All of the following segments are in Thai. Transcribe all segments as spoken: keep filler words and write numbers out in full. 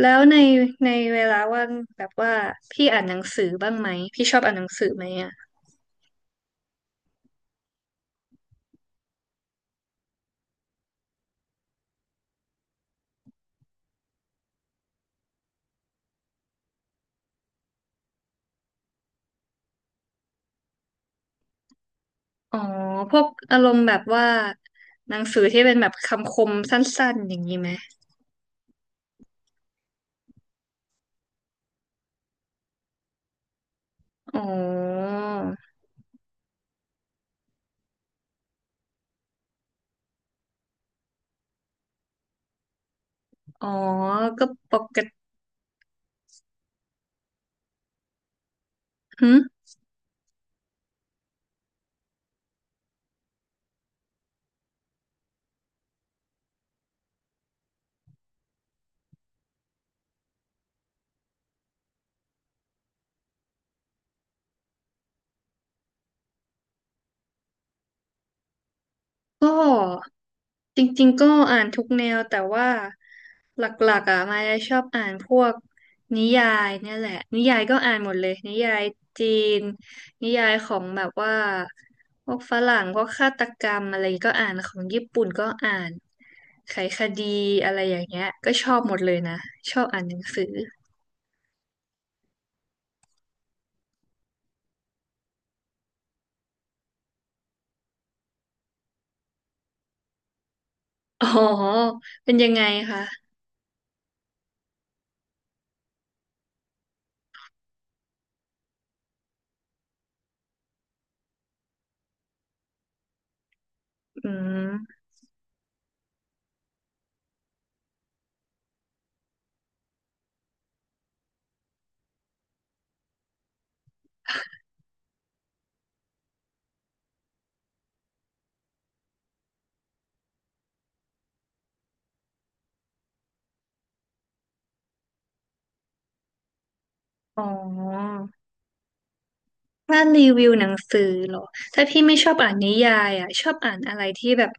แล้วในในเวลาว่างแบบว่าพี่อ่านหนังสือบ้างไหมพี่ชอบอ่านหนังสือไหมอ่ะอ๋อพวกอารมณ์แบบว่าหนังสือที่เป็นแบบคำคมสั้นๆอย่างนี้ไหมอ๋ออ๋อก็ปกติหึก็ จริงๆก็อ่านทุกแนวแต่ว่าหลักๆอ่ะมายชอบอ่านพวกนิยายเนี่ยแหละนิยายก็อ่านหมดเลยนิยายจีนนิยายของแบบว่าพวกฝรั่งพวกฆาตกรรมอะไรก็อ่านของญี่ปุ่นก็อ่านไขคดีอะไรอย่างเงี้ยก็ชอบหมดเลยนะชอบอ่านหนังสืออ๋อเป็นยังไงคะอืมอ๋อ ถ้ารีวิวหนังสือเหรอถ้าพี่ไม่ชอบอ่านนิยายอ่ะชอบอ่านอะไรที่แบบ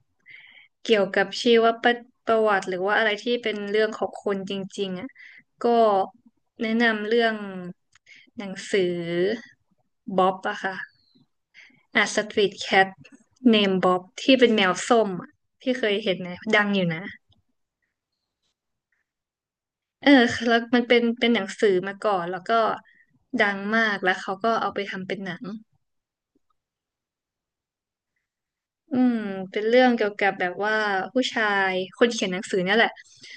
เกี่ยวกับชีวประประวัติหรือว่าอะไรที่เป็นเรื่องของคนจริงๆอ่ะก็แนะนำเรื่องหนังสือบ๊อบอะค่ะอ่ะสตรีทแคทเนมบ๊อบที่เป็นแมวส้มอะพี่เคยเห็นไหมดังอยู่นะเออแล้วมันเป็นเป็นหนังสือมาก่อนแล้วก็ดังมากแล้วเขาก็เอาไปทำเป็นหนัง อืมเป็นเรื่องเกี่ยวกับแบบว่าผู้ชายคนเขียนหนังสือเนี่ยแหละ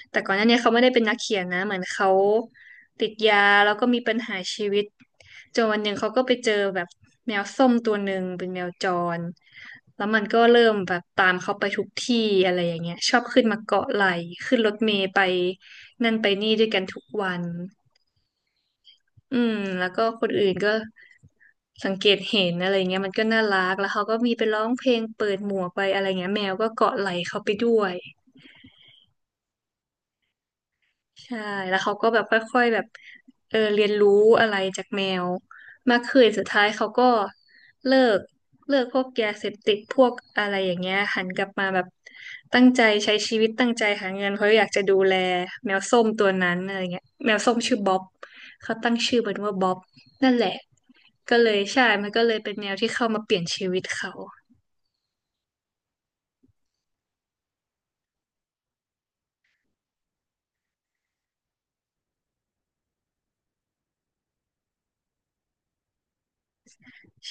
แต่ก่อนหน้าเนี้เขาไม่ได้เป็นนักเขียนนะเหมือนเขาติดยาแล้วก็มีปัญหาชีวิตจนวันหนึ่งเขาก็ไปเจอแบบแมวส้มตัวหนึ่งเป็นแมวจรแล้วมันก็เริ่มแบบตามเขาไปทุกที่อะไรอย่างเงี้ยชอบขึ้นมาเกาะไหล่ขึ้นรถเมล์ไปนั่นไปนี่ด้วยกันทุกวันอืมแล้วก็คนอื่นก็ สังเกตเห็นอะไรเงี้ยมันก็น่ารักแล้วเขาก็มีไปร้องเพลงเปิดหมวกไปอะไรเงี้ยแมวก็เกาะไหล่เขาไปด้วยใช่แล้วเขาก็แบบค่อยๆแบบเออเรียนรู้อะไรจากแมวมากขึ้นสุดท้ายเขาก็เลิกเลิกพวกยาเสพติดพวกอะไรอย่างเงี้ยหันกลับมาแบบตั้งใจใช้ชีวิตตั้งใจหาเงินเพราะอยากจะดูแลแมวส้มตัวนั้นอะไรเงี้ยแมวส้มชื่อบ๊อบเขาตั้งชื่อมันว่าบ๊อบนั่นแหละก็เลยใช่มันก็เลยเป็นแมวที่เข้ามาเปลี่ยนชีวิตเขา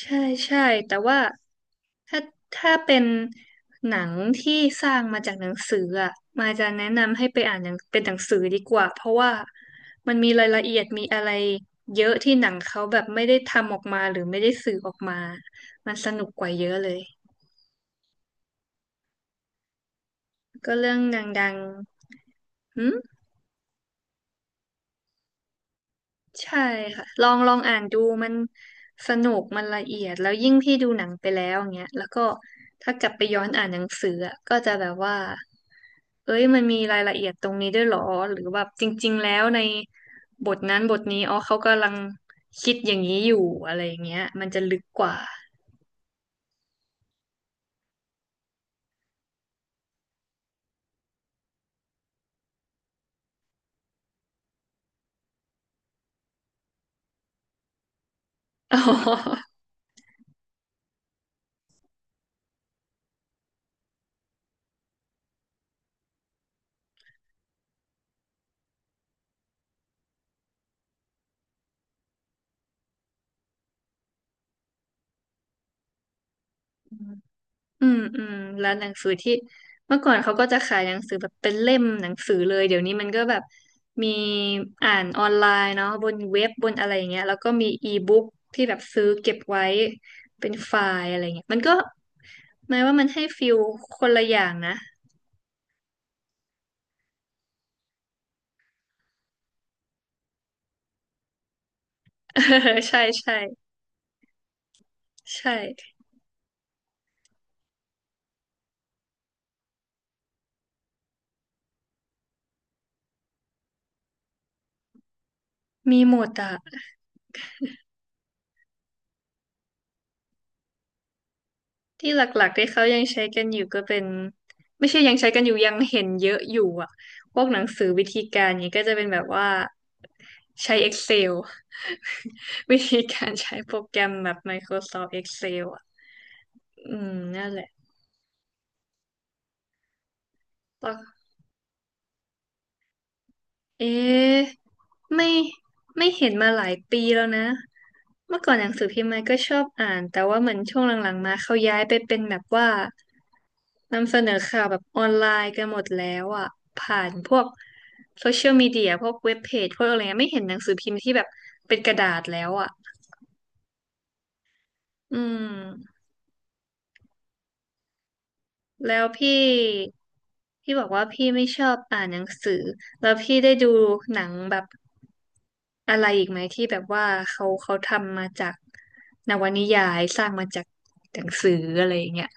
ใช่ใช่แต่ว่าถ้าถ้าเป็นหนังที่สร้างมาจากหนังสืออ่ะมายจะแนะนำให้ไปอ่านหนังเป็นหนังสือดีกว่าเพราะว่ามันมีรายละเอียดมีอะไรเยอะที่หนังเขาแบบไม่ได้ทำออกมาหรือไม่ได้สื่อออกมามันสนุกกว่าเยอะเลยก็เรื่องดังๆหืม ใช่ค่ะลองลองอ่านดูมันสนุกมันละเอียดแล้วยิ่งพี่ดูหนังไปแล้วอย่างเงี้ยแล้วก็ถ้ากลับไปย้อนอ่านหนังสืออะก็จะแบบว่าเอ้ยมันมีรายละเอียดตรงนี้ด้วยเหรอหรือแบบจริงๆแล้วในบทนั้นบทนี้อ๋อเขากำลังคิดอย่างนี้อยู่อะไรอย่างเงี้ยมันจะลึกกว่าอ๋อ อืมอืมร้านหนังสือที่เมื่อก่อนเขาก็จะขายหนังสือแบบเป็นเล่มหนังสือเลยเดี๋ยวนี้มันก็แบบมีอ่านออนไลน์เนาะบนเว็บบนอะไรอย่างเงี้ยแล้วก็มีอีบุ๊กที่แบบซื้อเก็บไว้เป็นไฟล์อะไรเงี้ยมันก็หมายว่ามันให้ฟิลคนละอย่างนะ ใช่ใช่ใช่มีหมดอะที่หลักๆที่เขายังใช้กันอยู่ก็เป็นไม่ใช่ยังใช้กันอยู่ยังเห็นเยอะอยู่อะพวกหนังสือวิธีการเนี้ยก็จะเป็นแบบว่าใช้ Excel วิธีการใช้โปรแกรมแบบ Microsoft Excel อ่ะ อืม นั่นแหละปะเอ๊ะไม่ไม่เห็นมาหลายปีแล้วนะ เมื่อก่อนหนังสือพิมพ์มันก็ชอบอ่าน แต่ว่าเหมือนช่วงหลังๆมาเขาย้ายไปเป็นแบบว่านำเสนอข่าวแบบออนไลน์กันหมดแล้วอ่ะ ผ่านพวกโซเชียลมีเดียพวกเว็บเพจพวกอะไรเงี้ยไม่เห็นหนังสือพิมพ์ที่แบบเป็นกระดาษแล้วอ่ะ อืม แล้วพี่พี่บอกว่าพี่ไม่ชอบอ่านหนังสือแล้วพี่ได้ดูหนังแบบอะไรอีกไหมที่แบบว่าเขาเขาทำมาจากนวนิยายสร้างมาจากหนังสืออะไรอย่างเงี้ย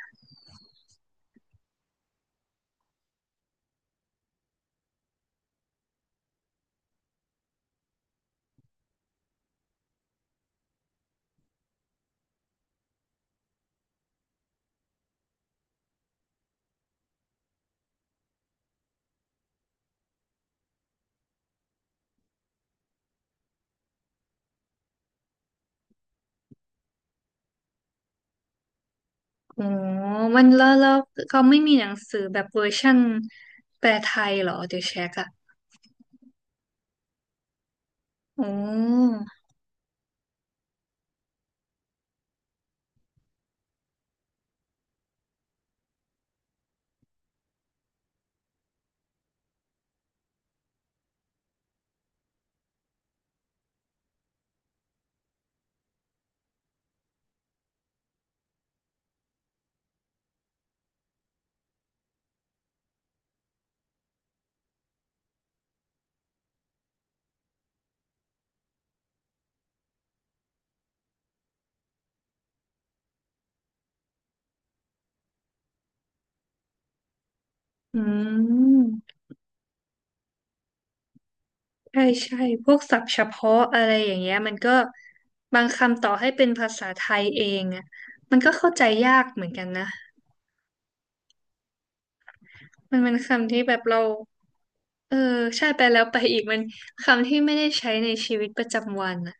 อ๋อมันแล้วแล้วเขาไม่มีหนังสือแบบเวอร์ชั่นแปลไทยเหรอเดี๋ยวเช็คอะอ๋ออืม ใช่ใช่พวกศัพท์เฉพาะอะไรอย่างเงี้ยมันก็บางคำต่อให้เป็นภาษาไทยเองอ่ะมันก็เข้าใจยากเหมือนกันนะมันเป็นคำที่แบบเราเออใช่ไปแล้วไปอีกมันคำที่ไม่ได้ใช้ในชีวิตประจำวันอ่ะ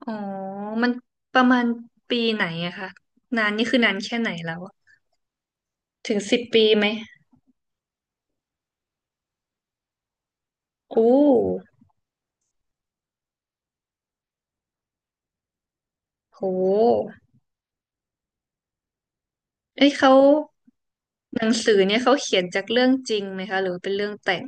อ๋อมันประมาณปีไหนอะคะนานนี่คือนานแค่ไหนแล้วอะถึงสิบปีไหมโอ้โหเอ้ยเขาหนังสือเนี่ยเขาเขียนจากเรื่องจริงไหมคะหรือเป็นเรื่องแต่ง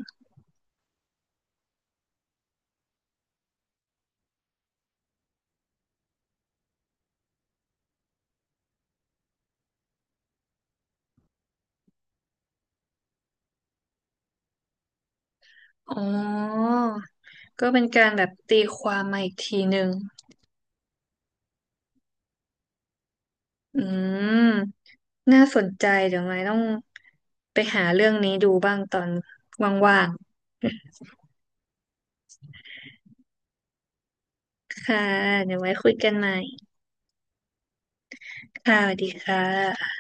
อ๋อ ก็เป็นการแบบตีความมาอีกทีหนึ่ง อืม น่าสนใจเดี๋ยวไม้ต้องไปหาเรื่องนี้ดูบ้างตอนว่างๆค่ะ เดี๋ยวไว้คุยกันใหม่ค่ะสวัสดีค่ะ